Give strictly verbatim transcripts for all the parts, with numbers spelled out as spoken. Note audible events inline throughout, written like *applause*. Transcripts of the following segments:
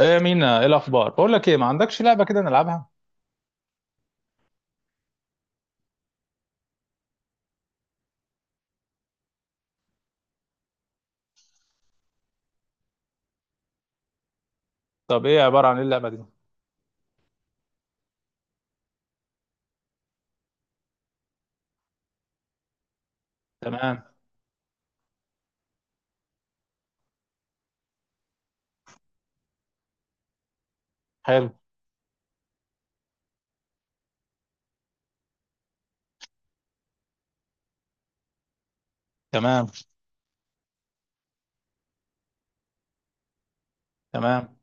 ايه مينا؟ ايه الاخبار؟ بقول لك ايه، ما عندكش لعبه كده نلعبها؟ طب ايه؟ عباره عن ايه اللعبه دي؟ تمام. حلو. تمام، تمام.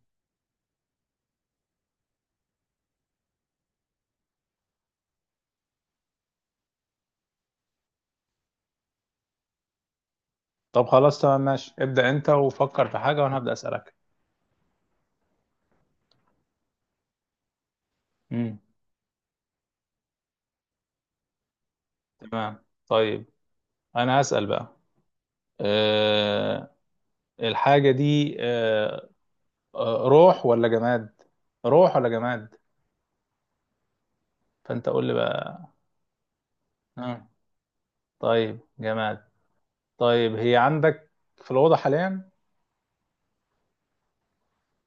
طب خلاص، تمام، ماشي. ابدا انت وفكر في حاجه وانا هبدا اسالك. امم تمام، طيب. انا هسال بقى. أه. الحاجه دي أه آه، روح ولا جماد؟ روح ولا جماد؟ فانت قول لي بقى. أه. طيب، جماد. طيب، هي عندك في الاوضه حاليا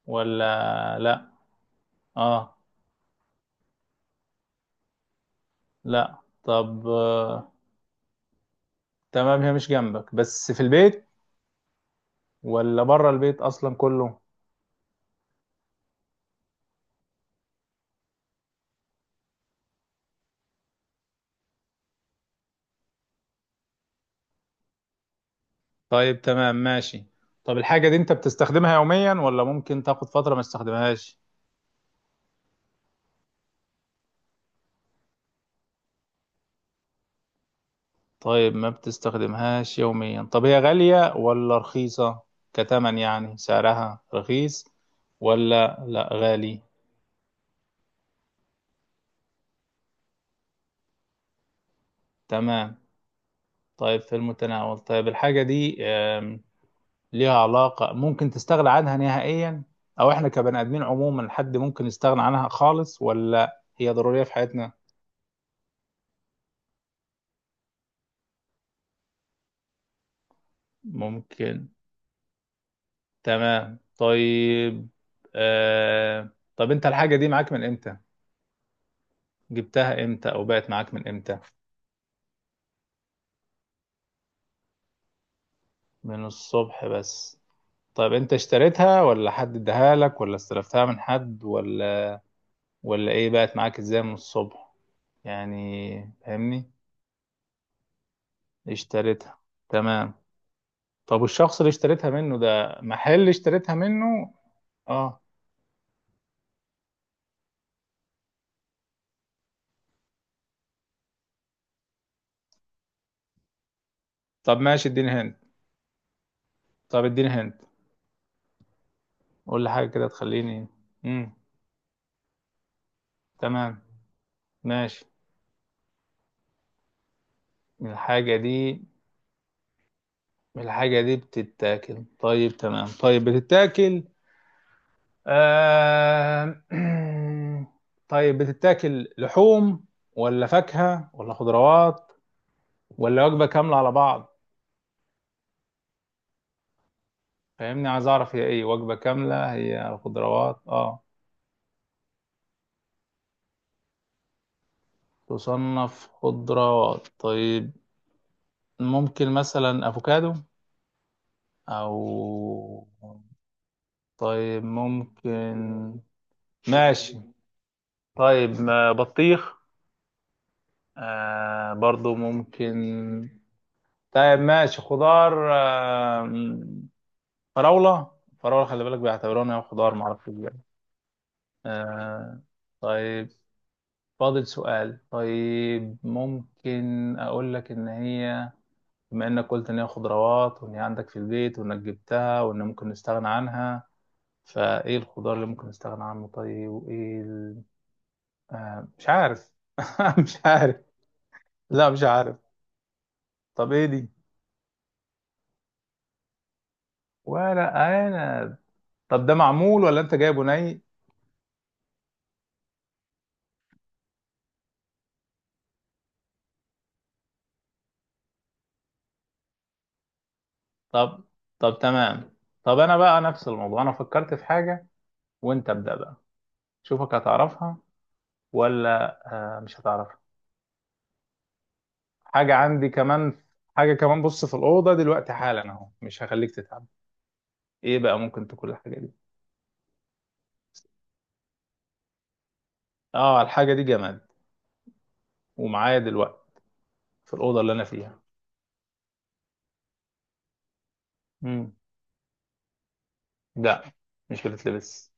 ولا لا؟ اه، لا. طب آه، تمام، هي مش جنبك بس في البيت، ولا بره البيت اصلا كله؟ طيب، تمام، ماشي. طب الحاجة دي انت بتستخدمها يوميا، ولا ممكن تاخد فترة ما تستخدمهاش؟ طيب، ما بتستخدمهاش يوميا. طب هي غالية ولا رخيصة؟ كتمن يعني سعرها رخيص، ولا لا غالي؟ تمام، طيب، في المتناول. طيب الحاجة دي آم، ليها علاقة، ممكن تستغنى عنها نهائيا، او احنا كبني ادمين عموما حد ممكن يستغنى عنها خالص، ولا هي ضرورية في حياتنا؟ ممكن. تمام، طيب. آه... طب انت الحاجة دي معاك من امتى؟ جبتها امتى او بقت معاك من امتى؟ من الصبح بس. طب انت اشتريتها ولا حد اداها لك ولا استلفتها من حد ولا ولا ايه، بقت معاك ازاي من الصبح؟ يعني فاهمني. اشتريتها. تمام. طب والشخص اللي اشتريتها منه، ده محل اشتريتها منه؟ اه. طب ماشي، اديني هند. طب اديني هند، قول لي حاجة كده تخليني. امم تمام، ماشي. الحاجة دي الحاجة دي بتتاكل؟ طيب تمام، طيب بتتاكل. آه... *clears throat* طيب، بتتاكل لحوم ولا فاكهة ولا خضروات، ولا وجبة كاملة على بعض؟ فاهمني، عايز أعرف هي إيه، وجبة كاملة، هي خضروات؟ آه. تصنف خضروات، طيب. ممكن مثلا أفوكادو أو. طيب ممكن. ماشي. طيب ما بطيخ، آه برضو ممكن؟ طيب ماشي، خضار آه م- فراولة. فراولة خلي بالك بيعتبروها إنها خضار، معرفش ازاي. آه. طيب، فاضل سؤال. طيب ممكن أقول لك إن هي، بما إنك قلت إن هي خضروات وإن هي عندك في البيت وإنك جبتها وإن ممكن نستغنى عنها، فإيه الخضار اللي ممكن نستغنى عنه؟ طيب، وإيه ال... آه مش عارف. *laughs* مش عارف. لا مش عارف. طب إيه دي؟ ولا أنا. طب ده معمول ولا انت جايبه ني؟ طب طب تمام. طب انا بقى نفس الموضوع، انا فكرت في حاجة وانت ابدأ بقى. شوفك هتعرفها، ولا آه مش هتعرفها. حاجة عندي كمان، حاجة كمان، بص في الأوضة دلوقتي حالا اهو، مش هخليك تتعب. ايه بقى ممكن تكون الحاجة دي؟ اه، الحاجة دي جماد، ومعايا دلوقتي في الأوضة اللي أنا فيها. مم. لا، مش بتتلبس.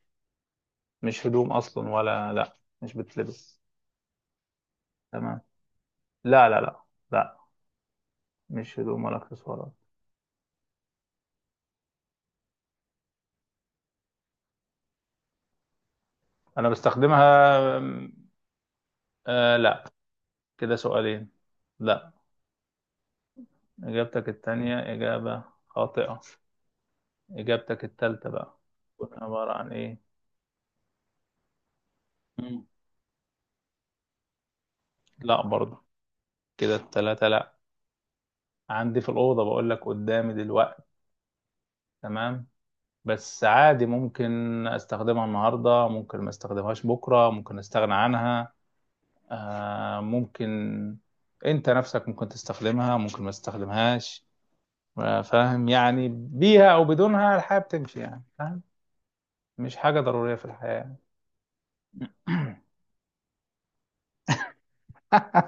مش هدوم أصلا ولا لا مش بتتلبس؟ تمام. لا، لا، لا، لا، مش هدوم ولا اكسسوارات. انا بستخدمها. آه، لا، كده سؤالين. لا، اجابتك التانية اجابة خاطئة. اجابتك التالتة بقى تكون عبارة عن ايه؟ مم. لا برضه، كده التلاتة لا. عندي في الأوضة بقول لك، قدامي دلوقتي. تمام. بس عادي ممكن استخدمها النهاردة، ممكن ما استخدمهاش بكرة، ممكن استغنى عنها. آه ممكن. انت نفسك ممكن تستخدمها، ممكن ما تستخدمهاش، فاهم؟ يعني بيها او بدونها الحياه بتمشي، يعني فاهم؟ مش حاجه ضروريه في الحياه يعني.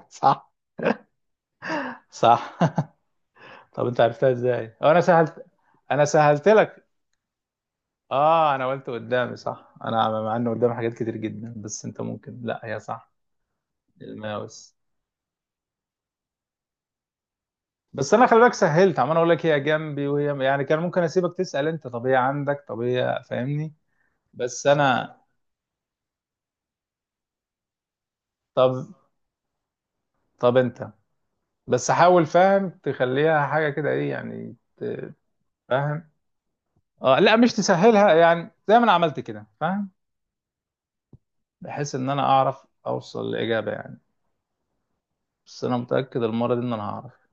صح. صح. *laughs* طب انت عرفتها ازاي، أو انا سهلت؟ انا سهلت لك. اه، انا قلت قدامي، صح. انا مع انه قدامي حاجات كتير جدا بس انت ممكن لا، هي صح، الماوس. بس انا خلي بالك سهلت، عمال اقول لك هي جنبي وهي، يعني كان ممكن اسيبك تسال انت طب هي عندك، طب هي، فاهمني. بس انا. طب طب انت بس حاول فاهم تخليها حاجه كده، ايه يعني، ت- فاهم. اه، لا مش تسهلها يعني، زي ما انا عملت كده، فاهم؟ بحيث ان انا اعرف اوصل لاجابه يعني. بس انا متاكد المره دي ان انا هعرف.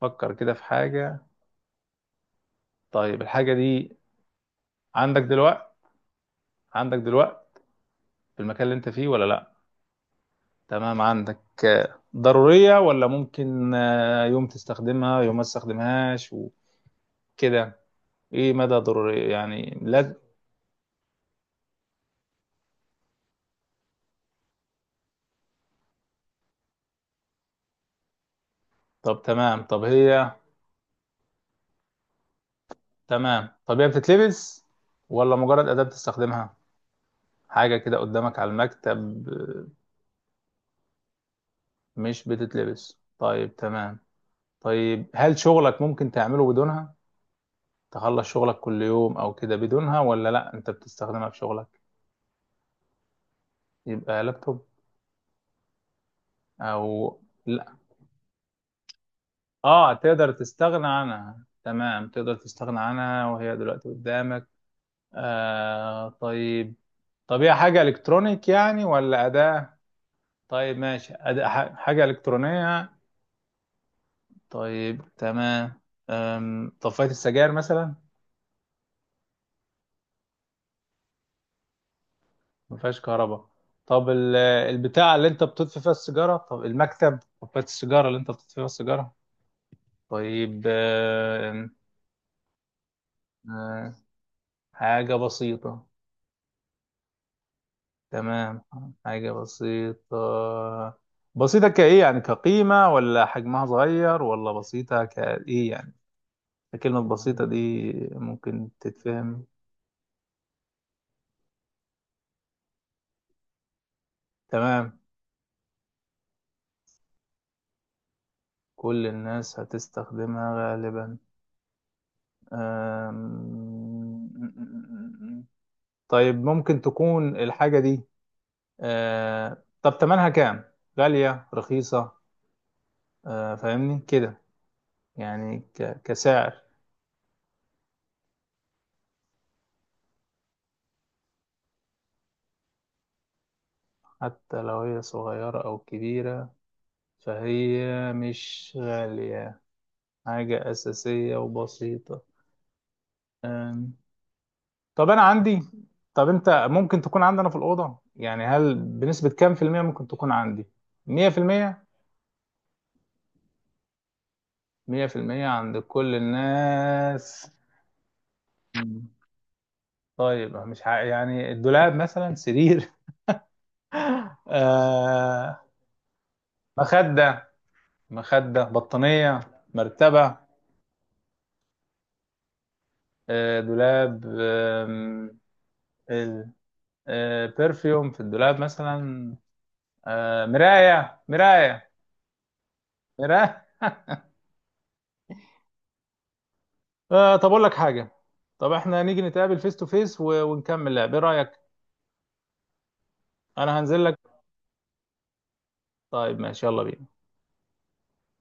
فكر كده في حاجه. طيب الحاجه دي عندك دلوقتي عندك دلوقتي في المكان اللي انت فيه ولا لا؟ تمام، عندك. آه، ضروريه ولا ممكن آه، يوم تستخدمها يوم ما تستخدمهاش وكده؟ ايه مدى ضروريه يعني؟ لا. طب تمام. طب هي تمام. طب هي بتتلبس ولا مجرد اداه بتستخدمها حاجه كده قدامك على المكتب؟ مش بتتلبس. طيب تمام، طيب، هل شغلك ممكن تعمله بدونها، تخلص شغلك كل يوم او كده بدونها، ولا لا انت بتستخدمها في شغلك؟ يبقى لابتوب او لا؟ اه، تقدر تستغنى عنها، تمام، تقدر تستغنى عنها وهي دلوقتي قدامك. آه طيب. طب هي حاجة إلكترونيك يعني، ولا أداة؟ طيب ماشي، أداة، ح- حاجة إلكترونية؟ طيب تمام. أم، طفاية السجاير مثلا، ما فيهاش كهرباء؟ طب ال- البتاع اللي انت بتطفي فيها السيجاره، طب المكتب، قبايه السيجاره اللي انت بتطفي فيها السيجاره؟ طيب آه، آه، حاجه بسيطه. تمام، حاجه بسيطه. بسيطه كايه يعني، كقيمه ولا حجمها صغير، ولا بسيطه كايه يعني؟ كلمه بسيطه دي ممكن تتفهم؟ تمام، كل الناس هتستخدمها غالبا. آم، طيب ممكن تكون الحاجة دي، آه طب تمنها كام؟ غالية رخيصة؟ آه فاهمني كده، يعني ك- كسعر. حتى لو هي صغيرة أو كبيرة، فهي مش غالية. حاجة أساسية وبسيطة. آم، طب أنا عندي. طب أنت ممكن تكون عندنا في الأوضة، يعني هل بنسبة كام في المية ممكن تكون عندي؟ مية في المية؟ مية في المية عند كل الناس. طيب مش ع... يعني الدولاب مثلا، سرير. *laughs* آه مخدة مخدة بطانية مرتبة. آه دولاب. آم، ال- آه برفيوم في الدولاب مثلا. آه مراية، مراية، مراية. *laughs* آه طب أقول لك حاجة. طب احنا نيجي نتقابل فيس تو فيس ونكمل لعب، ايه رأيك؟ أنا هنزل لك. طيب ماشي، يلا بينا.